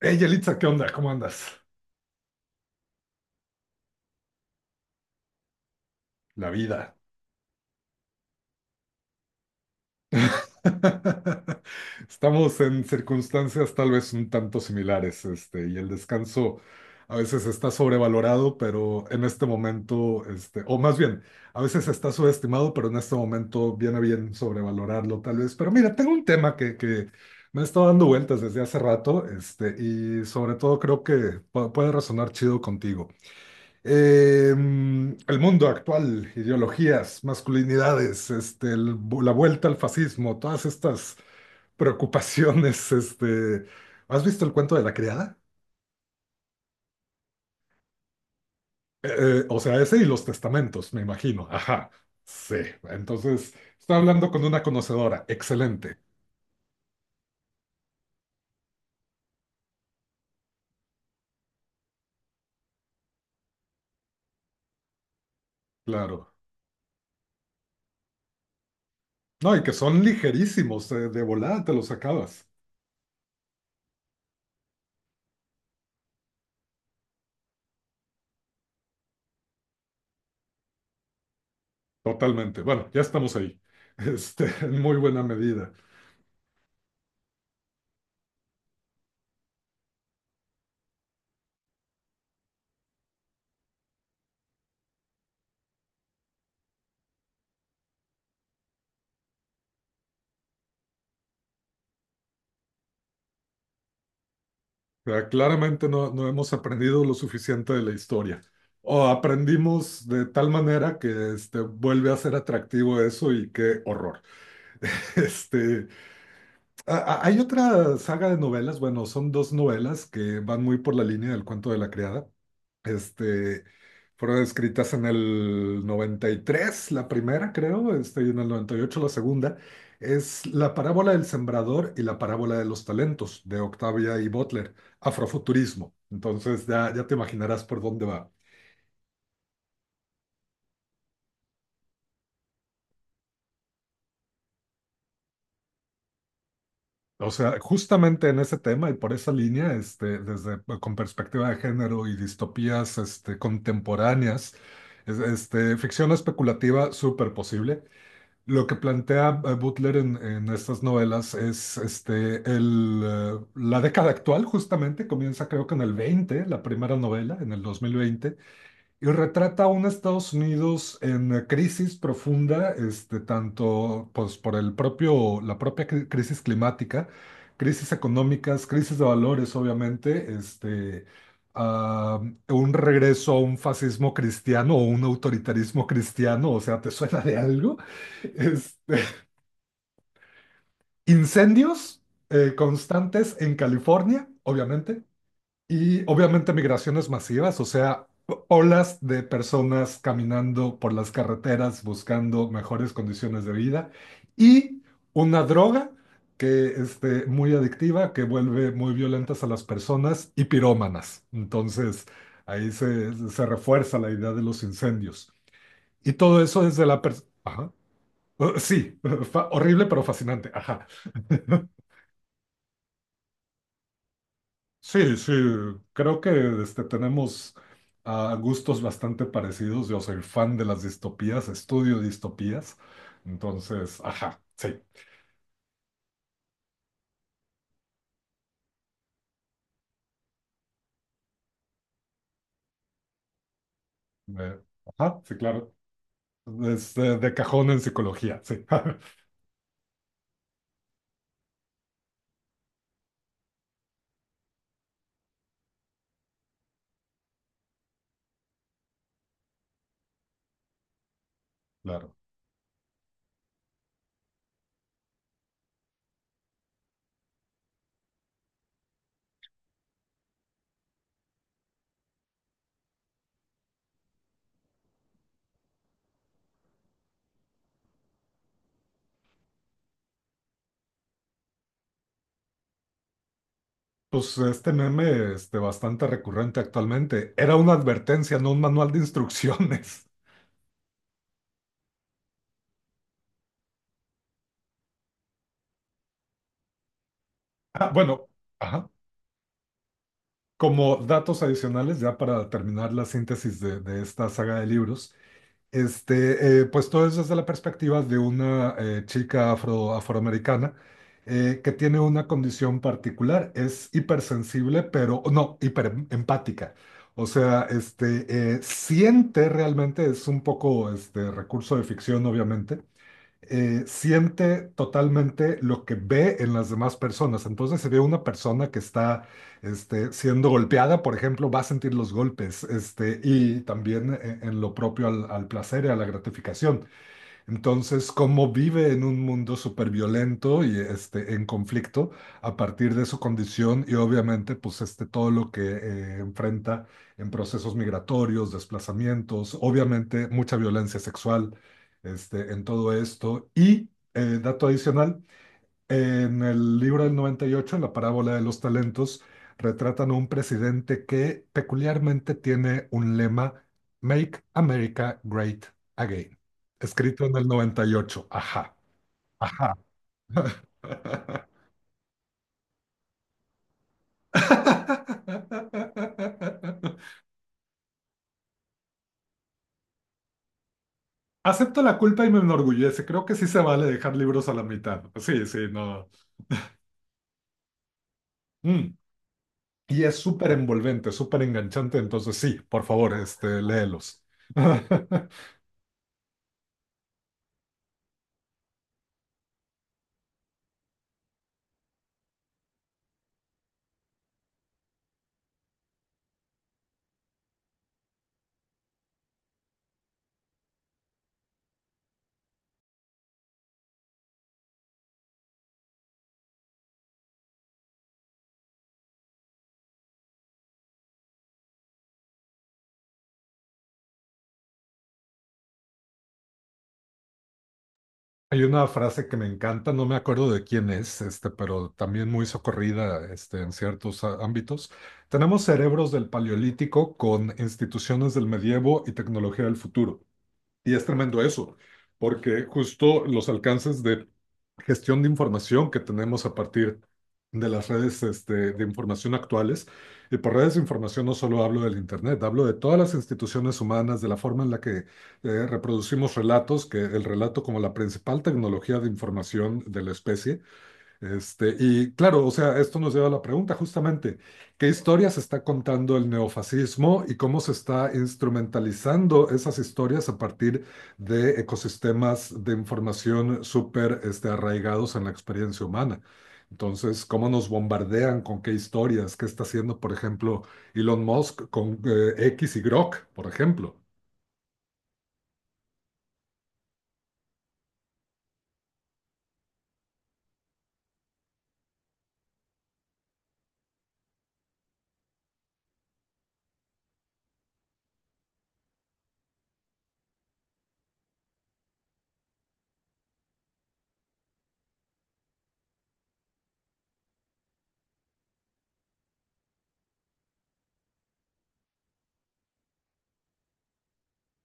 Hey, Yelitza, ¿qué onda? ¿Cómo andas? La vida. Estamos en circunstancias tal vez un tanto similares, y el descanso a veces está sobrevalorado, pero en este momento, o más bien, a veces está subestimado, pero en este momento viene bien sobrevalorarlo tal vez. Pero mira, tengo un tema que me ha estado dando vueltas desde hace rato, y sobre todo creo que puede resonar chido contigo. El mundo actual, ideologías, masculinidades, la vuelta al fascismo, todas estas preocupaciones, ¿has visto el cuento de la criada? O sea, ese y los testamentos, me imagino. Ajá, sí. Entonces, está hablando con una conocedora. Excelente, claro. No, y que son ligerísimos, de volada te los acabas. Totalmente. Bueno, ya estamos ahí. En muy buena medida. O sea, claramente no, no hemos aprendido lo suficiente de la historia. O aprendimos de tal manera que vuelve a ser atractivo eso y qué horror. Este, hay otra saga de novelas, bueno, son dos novelas que van muy por la línea del cuento de la criada. Este, fueron escritas en el 93 la primera creo, y en el 98 la segunda. Es La parábola del sembrador y la parábola de los talentos de Octavia y Butler, Afrofuturismo. Entonces ya, ya te imaginarás por dónde va. O sea, justamente en ese tema y por esa línea, desde pues, con perspectiva de género y distopías, contemporáneas, ficción especulativa súper posible. Lo que plantea Butler en estas novelas es la década actual, justamente, comienza creo que en el 20 la primera novela, en el 2020. Y retrata a un Estados Unidos en crisis profunda, tanto pues, por el propio, la propia crisis climática, crisis económicas, crisis de valores, obviamente, ah, un regreso a un fascismo cristiano o un autoritarismo cristiano, o sea, ¿te suena de algo? Este, incendios constantes en California, obviamente. Y obviamente migraciones masivas, o sea, olas de personas caminando por las carreteras buscando mejores condiciones de vida y una droga que muy adictiva, que vuelve muy violentas a las personas y pirómanas. Entonces, ahí se refuerza la idea de los incendios. Y todo eso desde la Ajá. Sí, horrible pero fascinante. Ajá. Sí, sí, creo que tenemos gustos bastante parecidos. Yo soy fan de las distopías, estudio distopías. Entonces, ajá, sí. me- ajá, sí, claro. De cajón en psicología, sí. Claro. Pues este meme, bastante recurrente actualmente. Era una advertencia, no un manual de instrucciones. Ah, bueno, ajá. Como datos adicionales, ya para terminar la síntesis de esta saga de libros. Pues todo es desde la perspectiva de una chica afro, afroamericana que tiene una condición particular, es hipersensible, pero no, hiperempática. O sea, siente realmente, es un poco este recurso de ficción, obviamente, siente totalmente lo que ve en las demás personas. Entonces, si ve una persona que está siendo golpeada, por ejemplo, va a sentir los golpes, y también en lo propio al placer y a la gratificación. Entonces, como vive en un mundo súper violento y en conflicto a partir de su condición y obviamente pues todo lo que enfrenta en procesos migratorios, desplazamientos, obviamente mucha violencia sexual en todo esto. Y dato adicional, en el libro del 98, en la parábola de los talentos, retratan a un presidente que peculiarmente tiene un lema, Make America Great Again, escrito en el 98. Ajá, ajá. Acepto la culpa y me enorgullece. Creo que sí se vale dejar libros a la mitad. Sí, sí, no. Mm. Y es súper envolvente, súper enganchante. Entonces, sí, por favor, léelos. Hay una frase que me encanta, no me acuerdo de quién es, pero también muy socorrida, en ciertos ámbitos. Tenemos cerebros del Paleolítico con instituciones del medievo y tecnología del futuro. Y es tremendo eso, porque justo los alcances de gestión de información que tenemos a partir de las redes de información actuales, y por redes de información no solo hablo del Internet, hablo de todas las instituciones humanas, de la forma en la que reproducimos relatos, que el relato como la principal tecnología de información de la especie, y claro, o sea, esto nos lleva a la pregunta justamente, ¿qué historias está contando el neofascismo y cómo se está instrumentalizando esas historias a partir de ecosistemas de información súper arraigados en la experiencia humana? Entonces, ¿cómo nos bombardean? ¿Con qué historias? ¿Qué está haciendo, por ejemplo, Elon Musk con X y Grok, por ejemplo?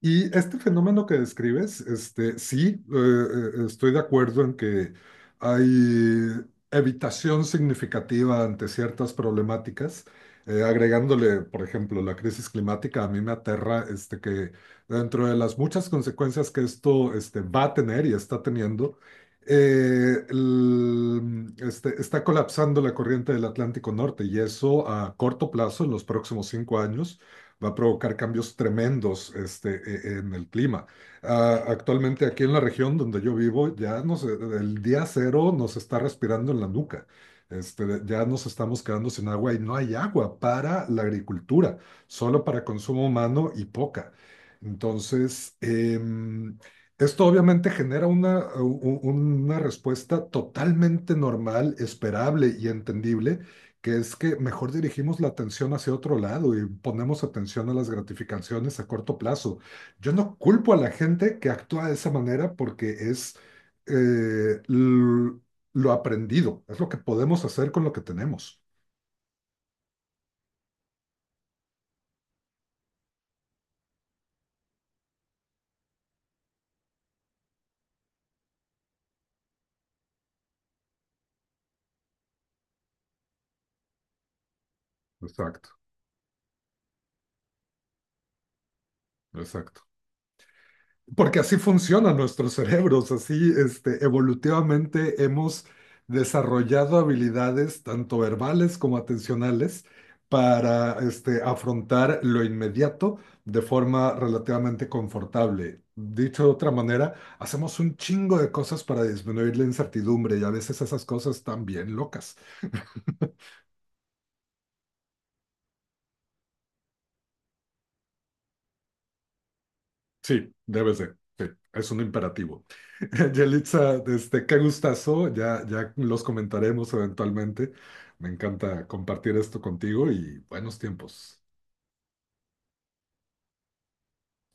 Y este fenómeno que describes, sí, estoy de acuerdo en que hay evitación significativa ante ciertas problemáticas. Agregándole, por ejemplo, la crisis climática, a mí me aterra que dentro de las muchas consecuencias que esto va a tener y está teniendo, está colapsando la corriente del Atlántico Norte y eso a corto plazo, en los próximos 5 años va a provocar cambios tremendos en el clima. Ah, actualmente aquí en la región donde yo vivo, el día cero nos está respirando en la nuca. Ya nos estamos quedando sin agua y no hay agua para la agricultura, solo para consumo humano y poca. Entonces, esto obviamente genera una respuesta totalmente normal, esperable y entendible que es que mejor dirigimos la atención hacia otro lado y ponemos atención a las gratificaciones a corto plazo. Yo no culpo a la gente que actúa de esa manera porque es eh, l- lo aprendido, es lo que podemos hacer con lo que tenemos. Exacto, exacto. Porque así funcionan nuestros cerebros, así evolutivamente hemos desarrollado habilidades tanto verbales como atencionales para afrontar lo inmediato de forma relativamente confortable. Dicho de otra manera, hacemos un chingo de cosas para disminuir la incertidumbre y a veces esas cosas están bien locas. Sí, debes de. Sí, es un imperativo. Yelitza, qué gustazo. Ya, ya los comentaremos eventualmente. Me encanta compartir esto contigo y buenos tiempos.